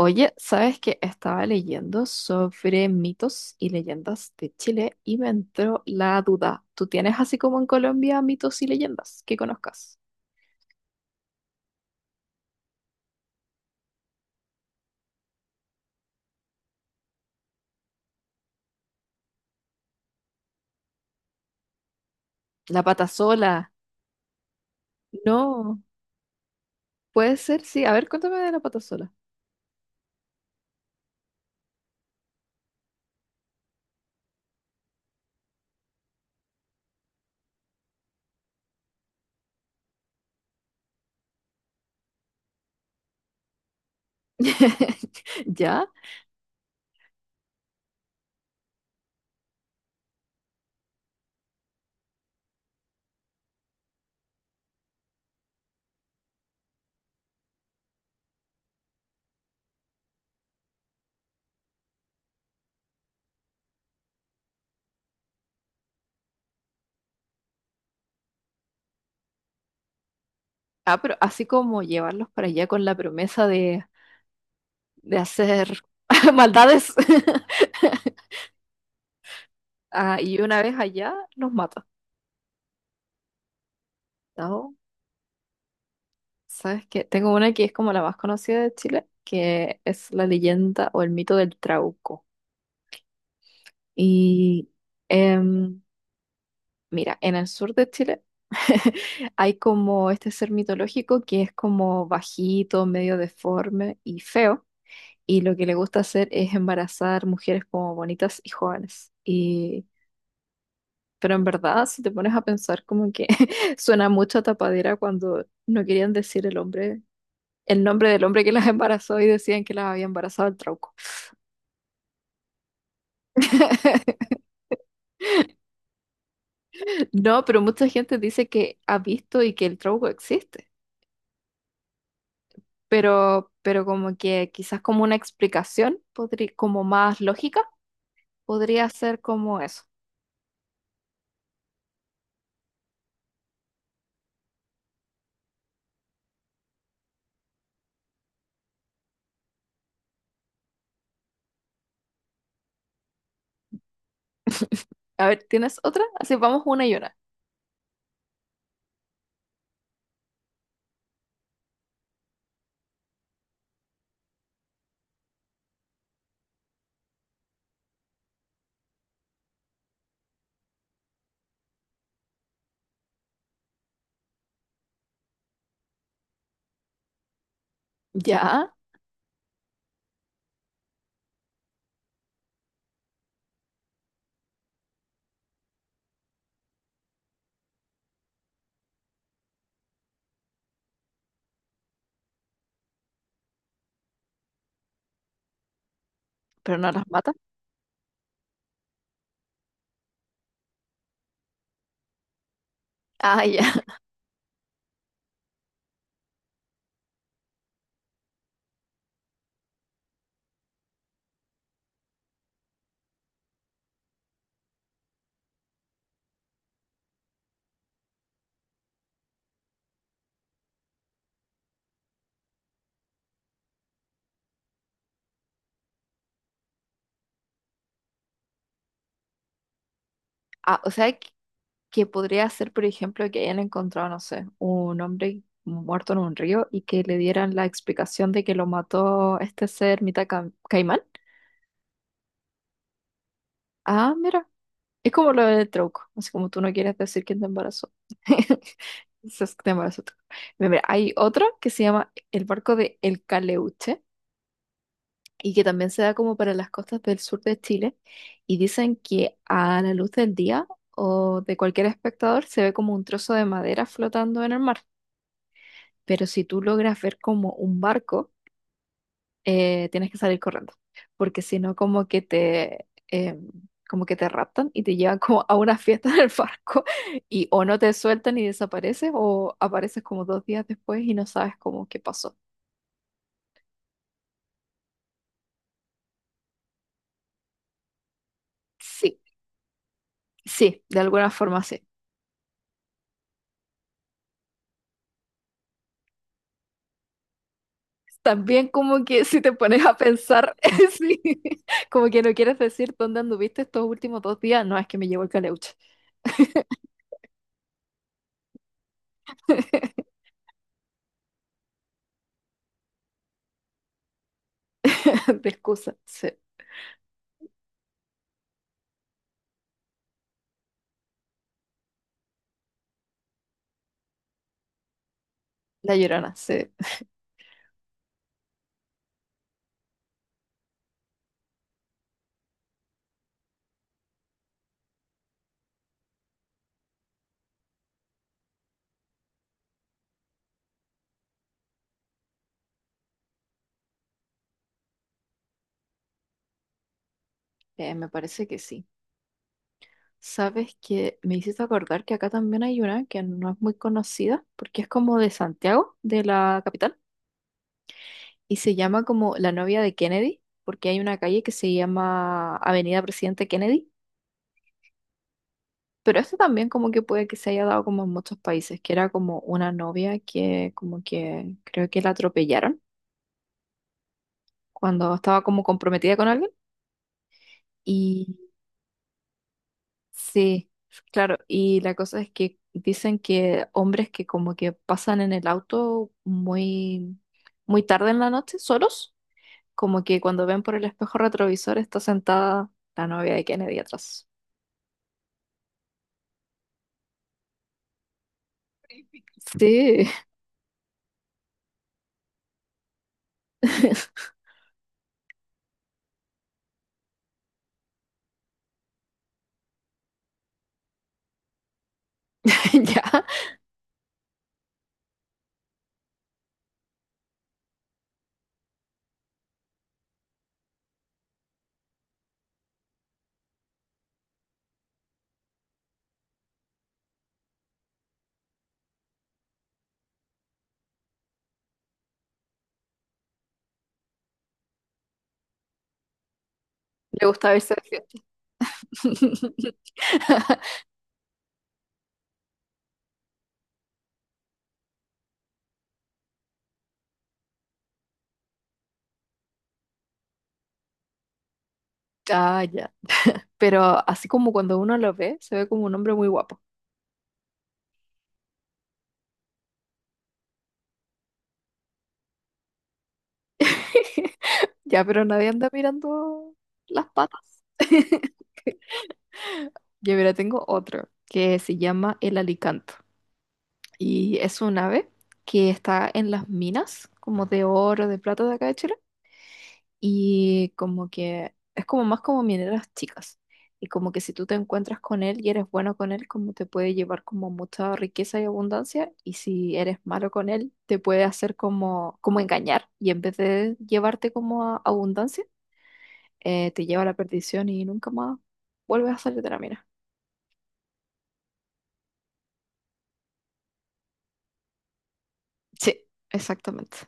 Oye, ¿sabes que estaba leyendo sobre mitos y leyendas de Chile y me entró la duda? ¿Tú tienes así como en Colombia mitos y leyendas que conozcas? La patasola. No, puede ser, sí. A ver, cuéntame de la patasola. ¿Ya? Ah, pero así como llevarlos para allá con la promesa de hacer maldades. Ah, y una vez allá los mata. ¿No? ¿Sabes qué? Tengo una que es como la más conocida de Chile, que es la leyenda o el mito del Trauco. Y em, mira, en el sur de Chile hay como este ser mitológico que es como bajito, medio deforme y feo. Y lo que le gusta hacer es embarazar mujeres como bonitas y jóvenes. Y pero en verdad, si te pones a pensar, como que suena mucho a tapadera cuando no querían decir el hombre, el nombre del hombre que las embarazó, y decían que las había embarazado el trauco. No, pero mucha gente dice que ha visto y que el trauco existe, pero como que quizás como una explicación, como más lógica, podría ser como eso. A ver, ¿tienes otra? Así vamos una y una. Ya, pero no las mata. Ah, ya. Ah, o sea, que podría ser, por ejemplo, que hayan encontrado, no sé, un hombre muerto en un río y que le dieran la explicación de que lo mató este ser mitad caimán. Ah, mira, es como lo del trauco, así como tú no quieres decir quién te embarazó. Entonces, te embarazó tú. Mira, mira, hay otro que se llama el barco de El Caleuche y que también se da como para las costas del sur de Chile, y dicen que a la luz del día o de cualquier espectador se ve como un trozo de madera flotando en el mar, pero si tú logras ver como un barco, tienes que salir corriendo, porque si no como que te eh, como que te raptan y te llevan como a una fiesta en el barco, y o no te sueltan y desapareces o apareces como dos días después y no sabes cómo qué pasó. Sí, sí, de alguna forma sí. También como que si te pones a pensar, sí, como que no quieres decir dónde anduviste estos últimos dos días, no es que me llevo el caleuche de excusa, sí. La Llorona, sí. Me parece que sí. Sabes que me hiciste acordar que acá también hay una que no es muy conocida porque es como de Santiago, de la capital, y se llama como La novia de Kennedy, porque hay una calle que se llama Avenida Presidente Kennedy, pero esto también como que puede que se haya dado como en muchos países, que era como una novia que como que creo que la atropellaron cuando estaba como comprometida con alguien. Sí, claro, y la cosa es que dicen que hombres que como que pasan en el auto muy, muy tarde en la noche, solos, como que cuando ven por el espejo retrovisor está sentada la novia de Kennedy atrás. Sí, ya, le gusta verse de fiesta. Ya, ya. Pero así como cuando uno lo ve, se ve como un hombre muy guapo. Ya, pero nadie anda mirando las patas. Yo mira, tengo otro que se llama el alicanto, y es un ave que está en las minas como de oro, de plata de acá de Chile, y como que es como más como mineras chicas, y como que si tú te encuentras con él y eres bueno con él como te puede llevar como mucha riqueza y abundancia, y si eres malo con él te puede hacer como engañar, y en vez de llevarte como a abundancia, te lleva a la perdición y nunca más vuelves a salir de la mina. Sí, exactamente.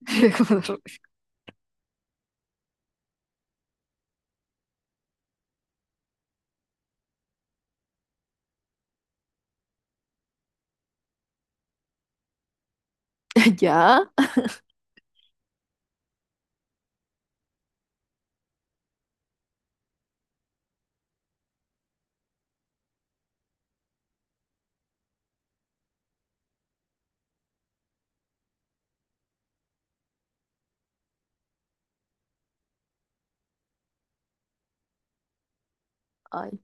Ya. Ay,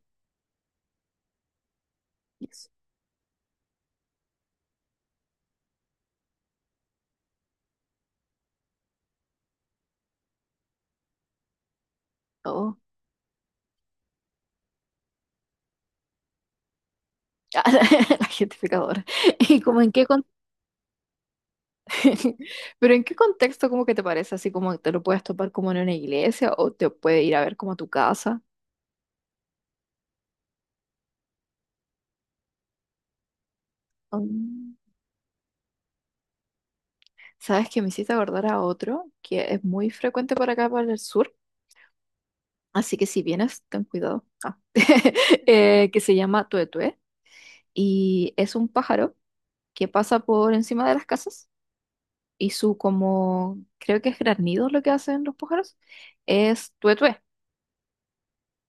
Dios. Oh. La gentificadora. ¿Y como en qué pero en qué contexto como que te parece, así como te lo puedes topar como en una iglesia o te puede ir a ver como a tu casa? Mm. ¿Sabes que me hiciste acordar a otro que es muy frecuente para acá para el sur? Así que si vienes, ten cuidado. Ah. Que se llama tuetue, y es un pájaro que pasa por encima de las casas, y su como, creo que es granido lo que hacen los pájaros, es tué tué,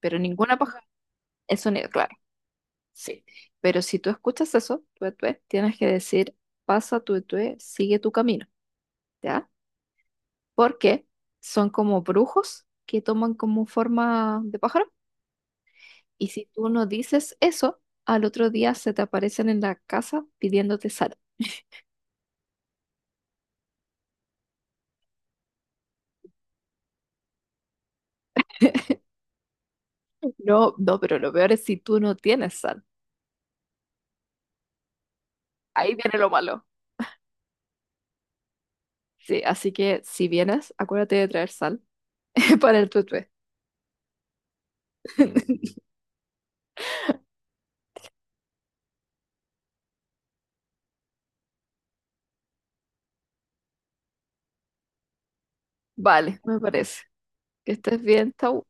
pero ninguna paja, el sonido, claro, sí. Pero si tú escuchas eso, tué tué, tienes que decir, pasa tué tué, sigue tu camino, ¿ya? Porque son como brujos que toman como forma de pájaro, y si tú no dices eso, al otro día se te aparecen en la casa pidiéndote sal. No, no, pero lo peor es si tú no tienes sal. Ahí viene lo malo. Sí, así que si vienes, acuérdate de traer sal que para el tutué. Vale, me parece. Que estés bien, Tau.